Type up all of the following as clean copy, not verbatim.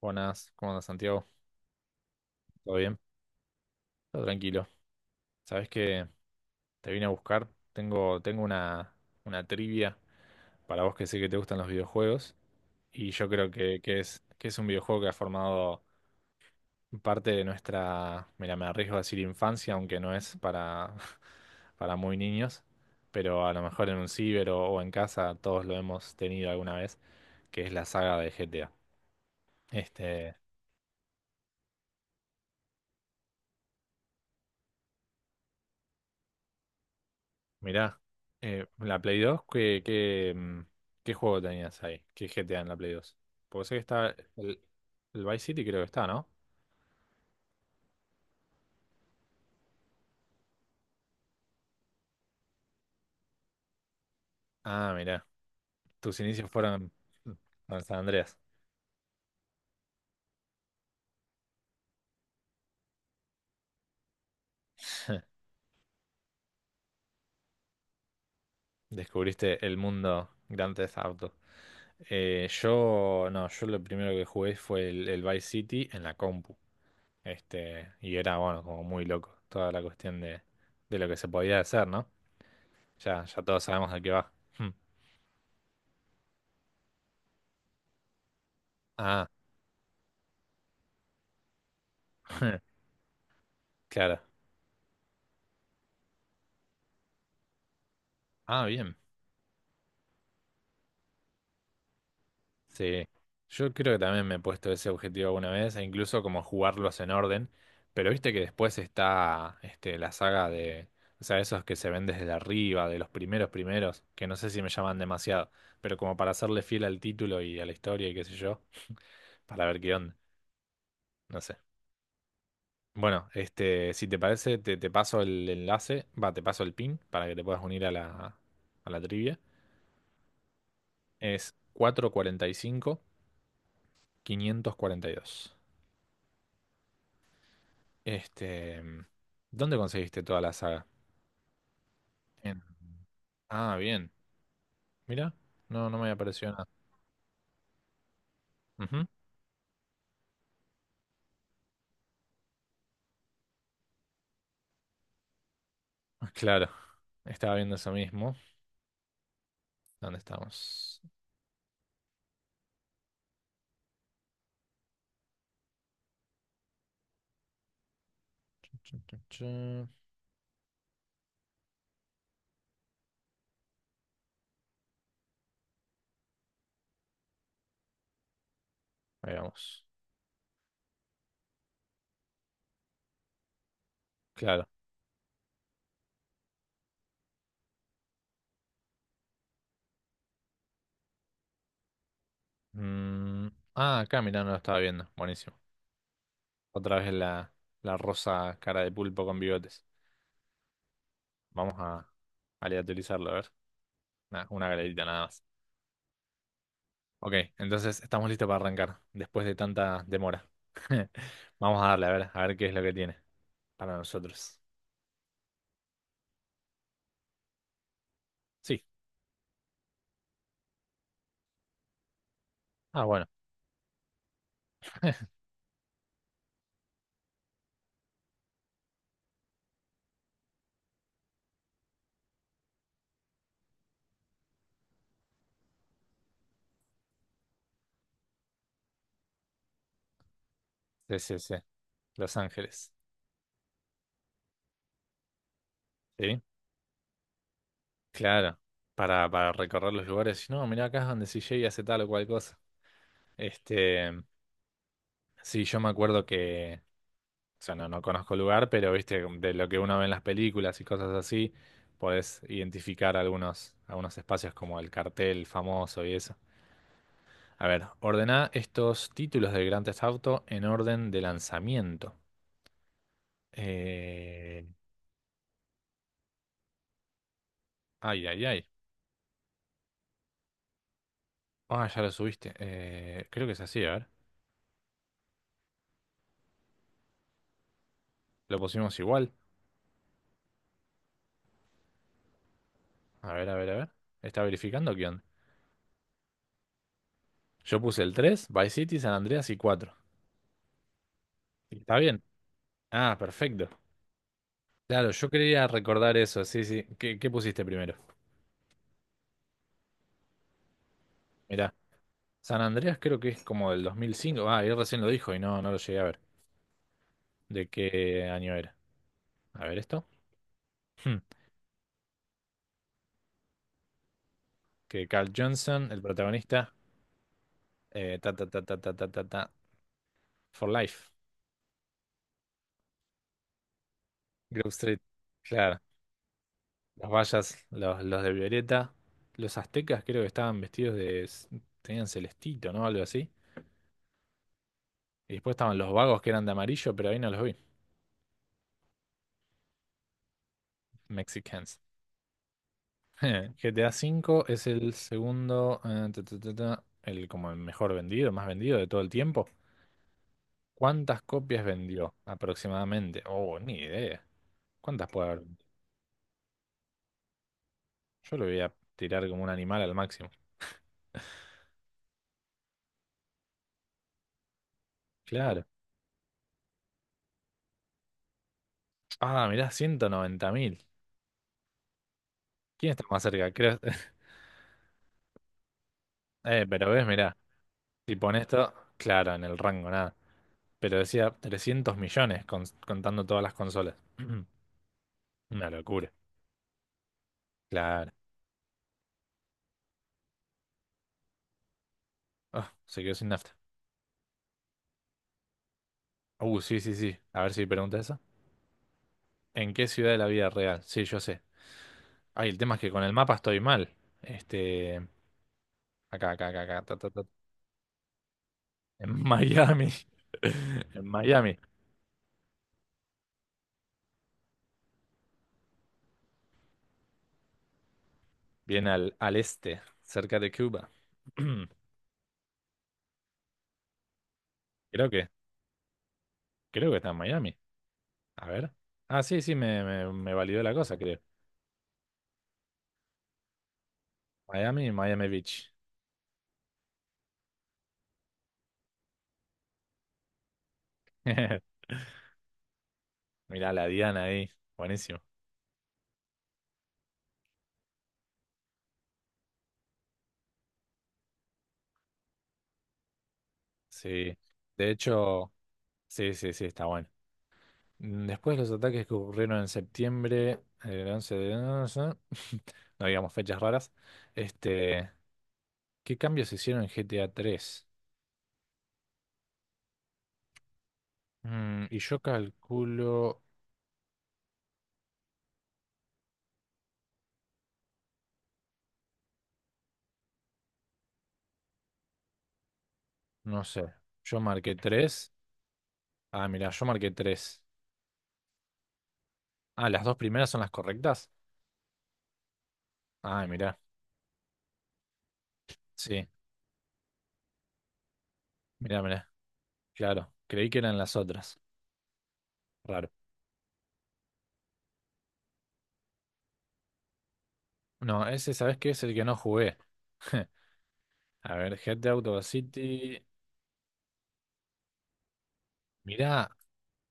Buenas, ¿cómo andas, Santiago? ¿Todo bien? Todo tranquilo. ¿Sabés que te vine a buscar? Tengo una trivia para vos que sé que te gustan los videojuegos y yo creo que es un videojuego que ha formado parte de nuestra, mira, me arriesgo a decir infancia, aunque no es para, para muy niños, pero a lo mejor en un ciber o en casa todos lo hemos tenido alguna vez, que es la saga de GTA. Este, mirá, la Play dos. ¿Qué juego tenías ahí? ¿Qué GTA en la Play dos? Porque sé que está el Vice City, creo que está, ¿no? Ah, mirá, tus inicios fueron en San Andreas. Descubriste el mundo Grand Theft Auto. Yo, no, yo lo primero que jugué fue el Vice City en la compu. Este, y era, bueno, como muy loco toda la cuestión de lo que se podía hacer, ¿no? Ya, ya todos sabemos de qué va. Ah, claro. Ah, bien. Sí. Yo creo que también me he puesto ese objetivo alguna vez, e incluso como jugarlos en orden. Pero viste que después está este, la saga de, o sea, esos que se ven desde arriba, de los primeros primeros, que no sé si me llaman demasiado, pero como para hacerle fiel al título y a la historia y qué sé yo, para ver qué onda. No sé. Bueno, este, si te parece, te paso el enlace, va, te paso el pin para que te puedas unir a la trivia. Es cuarenta cuarenta y cinco quinientos cuarenta y dos. Este, ¿dónde conseguiste toda la saga? En- Ah, bien. Mira, no, no me había aparecido nada. Ujú. Ah, claro, estaba viendo eso mismo. ¿Dónde estamos? Chun, chun, chun. Ahí vamos. Claro. Mm, Ah, acá, mirá, no lo estaba viendo. Buenísimo. Otra vez la rosa cara de pulpo con bigotes. Vamos a aleatorizarlo, a ver. Nah, una galerita nada más. Ok, entonces estamos listos para arrancar, después de tanta demora. Vamos a darle, a ver qué es lo que tiene para nosotros. Sí. Ah, bueno. Sí, sí, sí. Los Ángeles. Sí. Claro. Para recorrer los lugares. No, mirá acá es donde CJ hace tal o cual cosa. Este. Sí, yo me acuerdo que. O sea, no, no conozco el lugar, pero viste, de lo que uno ve en las películas y cosas así, podés identificar algunos espacios como el cartel famoso y eso. A ver, ordená estos títulos del Grand Theft Auto en orden de lanzamiento. Eh, ay, ay, ay. Ah, ya lo subiste. Creo que es así, a ver. Lo pusimos igual. A ver, a ver, a ver. ¿Está verificando qué onda? Yo puse el 3, Vice City, San Andreas y 4. ¿Está bien? Ah, perfecto. Claro, yo quería recordar eso, sí, sí. ¿Qué pusiste primero? Mirá, San Andreas creo que es como del 2005. Ah, él recién lo dijo y no, no lo llegué a ver. ¿De qué año era? A ver esto. Hmm, Que Carl Johnson, el protagonista, ta, ta, ta, ta, ta, ta, ta, ta, For Life, Grove Street. Claro. Los mayas, los de Violeta. Los aztecas creo que estaban vestidos de. Tenían celestito, ¿no? Algo así. Y después estaban los vagos que eran de amarillo, pero ahí no los vi. Mexicans. GTA cinco es el segundo, ta, ta, ta, ta, el como el mejor vendido, más vendido de todo el tiempo. ¿Cuántas copias vendió aproximadamente? Oh, ni idea. ¿Cuántas puede haber vendido? Yo lo voy a tirar como un animal al máximo. Claro. Ah, mirá, 190.000. ¿Quién está más cerca? Creo. Pero ves, mirá. Si pones esto, claro, en el rango, nada. Pero decía 300 millones contando todas las consolas. Una locura. Claro. Ah, se quedó sin nafta. Sí, sí, sí. A ver si pregunta eso. ¿En qué ciudad de la vida real? Sí, yo sé. Ay, el tema es que con el mapa estoy mal. Este. Acá, acá, acá, acá. Ta, ta, ta. En Miami. En Miami. Bien al este, cerca de Cuba. Creo que, creo que está en Miami. A ver. Ah, sí, sí, me validó la cosa, creo. Miami, Miami Beach. Mirá, la Diana ahí. Buenísimo. Sí. De hecho, sí, sí, sí, está bueno. Después los ataques que ocurrieron en septiembre, el 11 de. No sé, no digamos fechas raras. Este, ¿qué cambios se hicieron en GTA 3? Y yo calculo, no sé, yo marqué 3. Ah, mirá, yo marqué tres. Ah, las dos primeras son las correctas. Ah, mirá, sí, mirá, mirá. Claro, creí que eran las otras. Raro. No, ese, ¿sabes qué? Es el que no jugué. A ver, Head de Auto City. Mirá,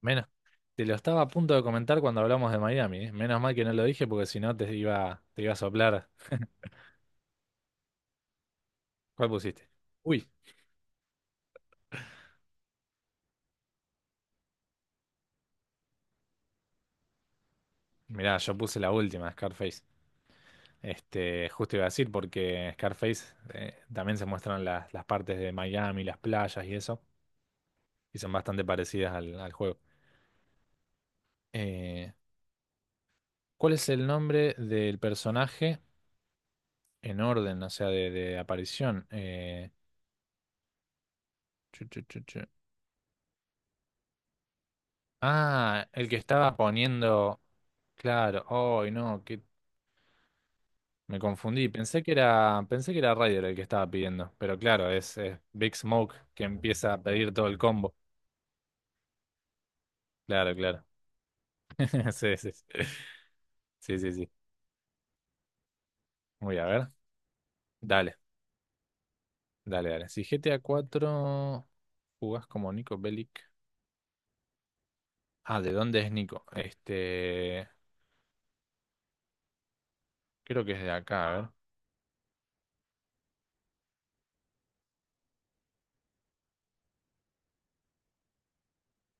menos, te lo estaba a punto de comentar cuando hablamos de Miami, ¿eh? Menos mal que no lo dije porque si no te iba a soplar. ¿Cuál pusiste? Uy, mirá, yo puse la última, Scarface. Este, justo iba a decir porque Scarface también se muestran las partes de Miami, las playas y eso, y son bastante parecidas al juego. Eh, ¿Cuál es el nombre del personaje en orden, o sea, de aparición? Ah, el que estaba poniendo. Claro, hoy no, que me confundí. Pensé que era Ryder el que estaba pidiendo, pero claro, es Big Smoke que empieza a pedir todo el combo. Claro, claro. Sí, sí, sí. Sí, sí, sí. Voy a ver. Dale, dale, dale. Si GTA 4 jugás como Nico Bellic. Ah, ¿de dónde es Nico? Este, creo que es de acá, a ver.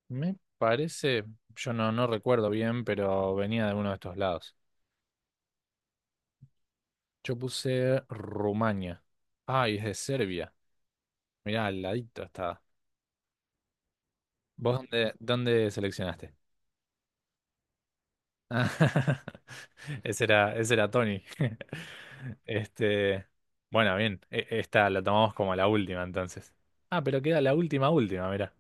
Me parece, yo no, no recuerdo bien, pero venía de uno de estos lados. Yo puse Rumania. Ay, es de Serbia. Mirá, al ladito estaba. ¿Vos dónde seleccionaste? Ese era Tony. Este, bueno, bien. Esta la tomamos como la última entonces. Ah, pero queda la última, última, mira.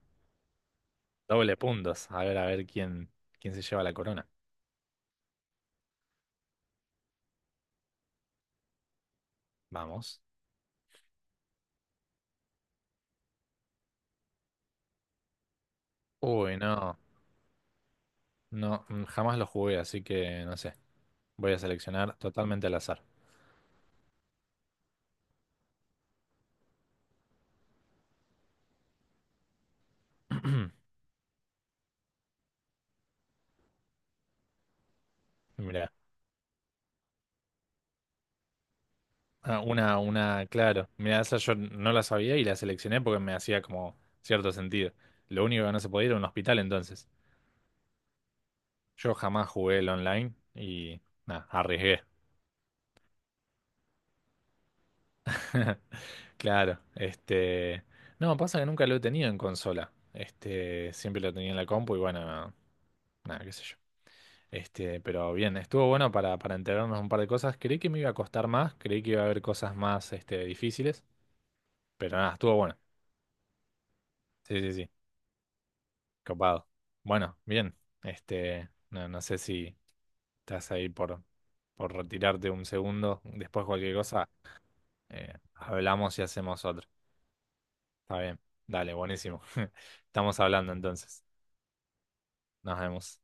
Doble puntos. A ver quién se lleva la corona. Vamos. Uy, no. No, jamás lo jugué, así que no sé. Voy a seleccionar totalmente al azar. Mira. Ah, una, claro. Mira, esa yo no la sabía y la seleccioné porque me hacía como cierto sentido. Lo único que no se podía era un hospital entonces. Yo jamás jugué el online y nada, arriesgué. Claro, no, pasa que nunca lo he tenido en consola. Este, siempre lo tenía en la compu y bueno, nada, qué sé yo. Este, pero bien, estuvo bueno para enterarnos un par de cosas. Creí que me iba a costar más, creí que iba a haber cosas más, este, difíciles, pero nada, estuvo bueno. Sí, sí, sí. Copado. Bueno, bien. Este, no, no sé si estás ahí por retirarte un segundo. Después cualquier cosa, hablamos y hacemos otro. Está bien. Dale, buenísimo. Estamos hablando entonces. Nos vemos.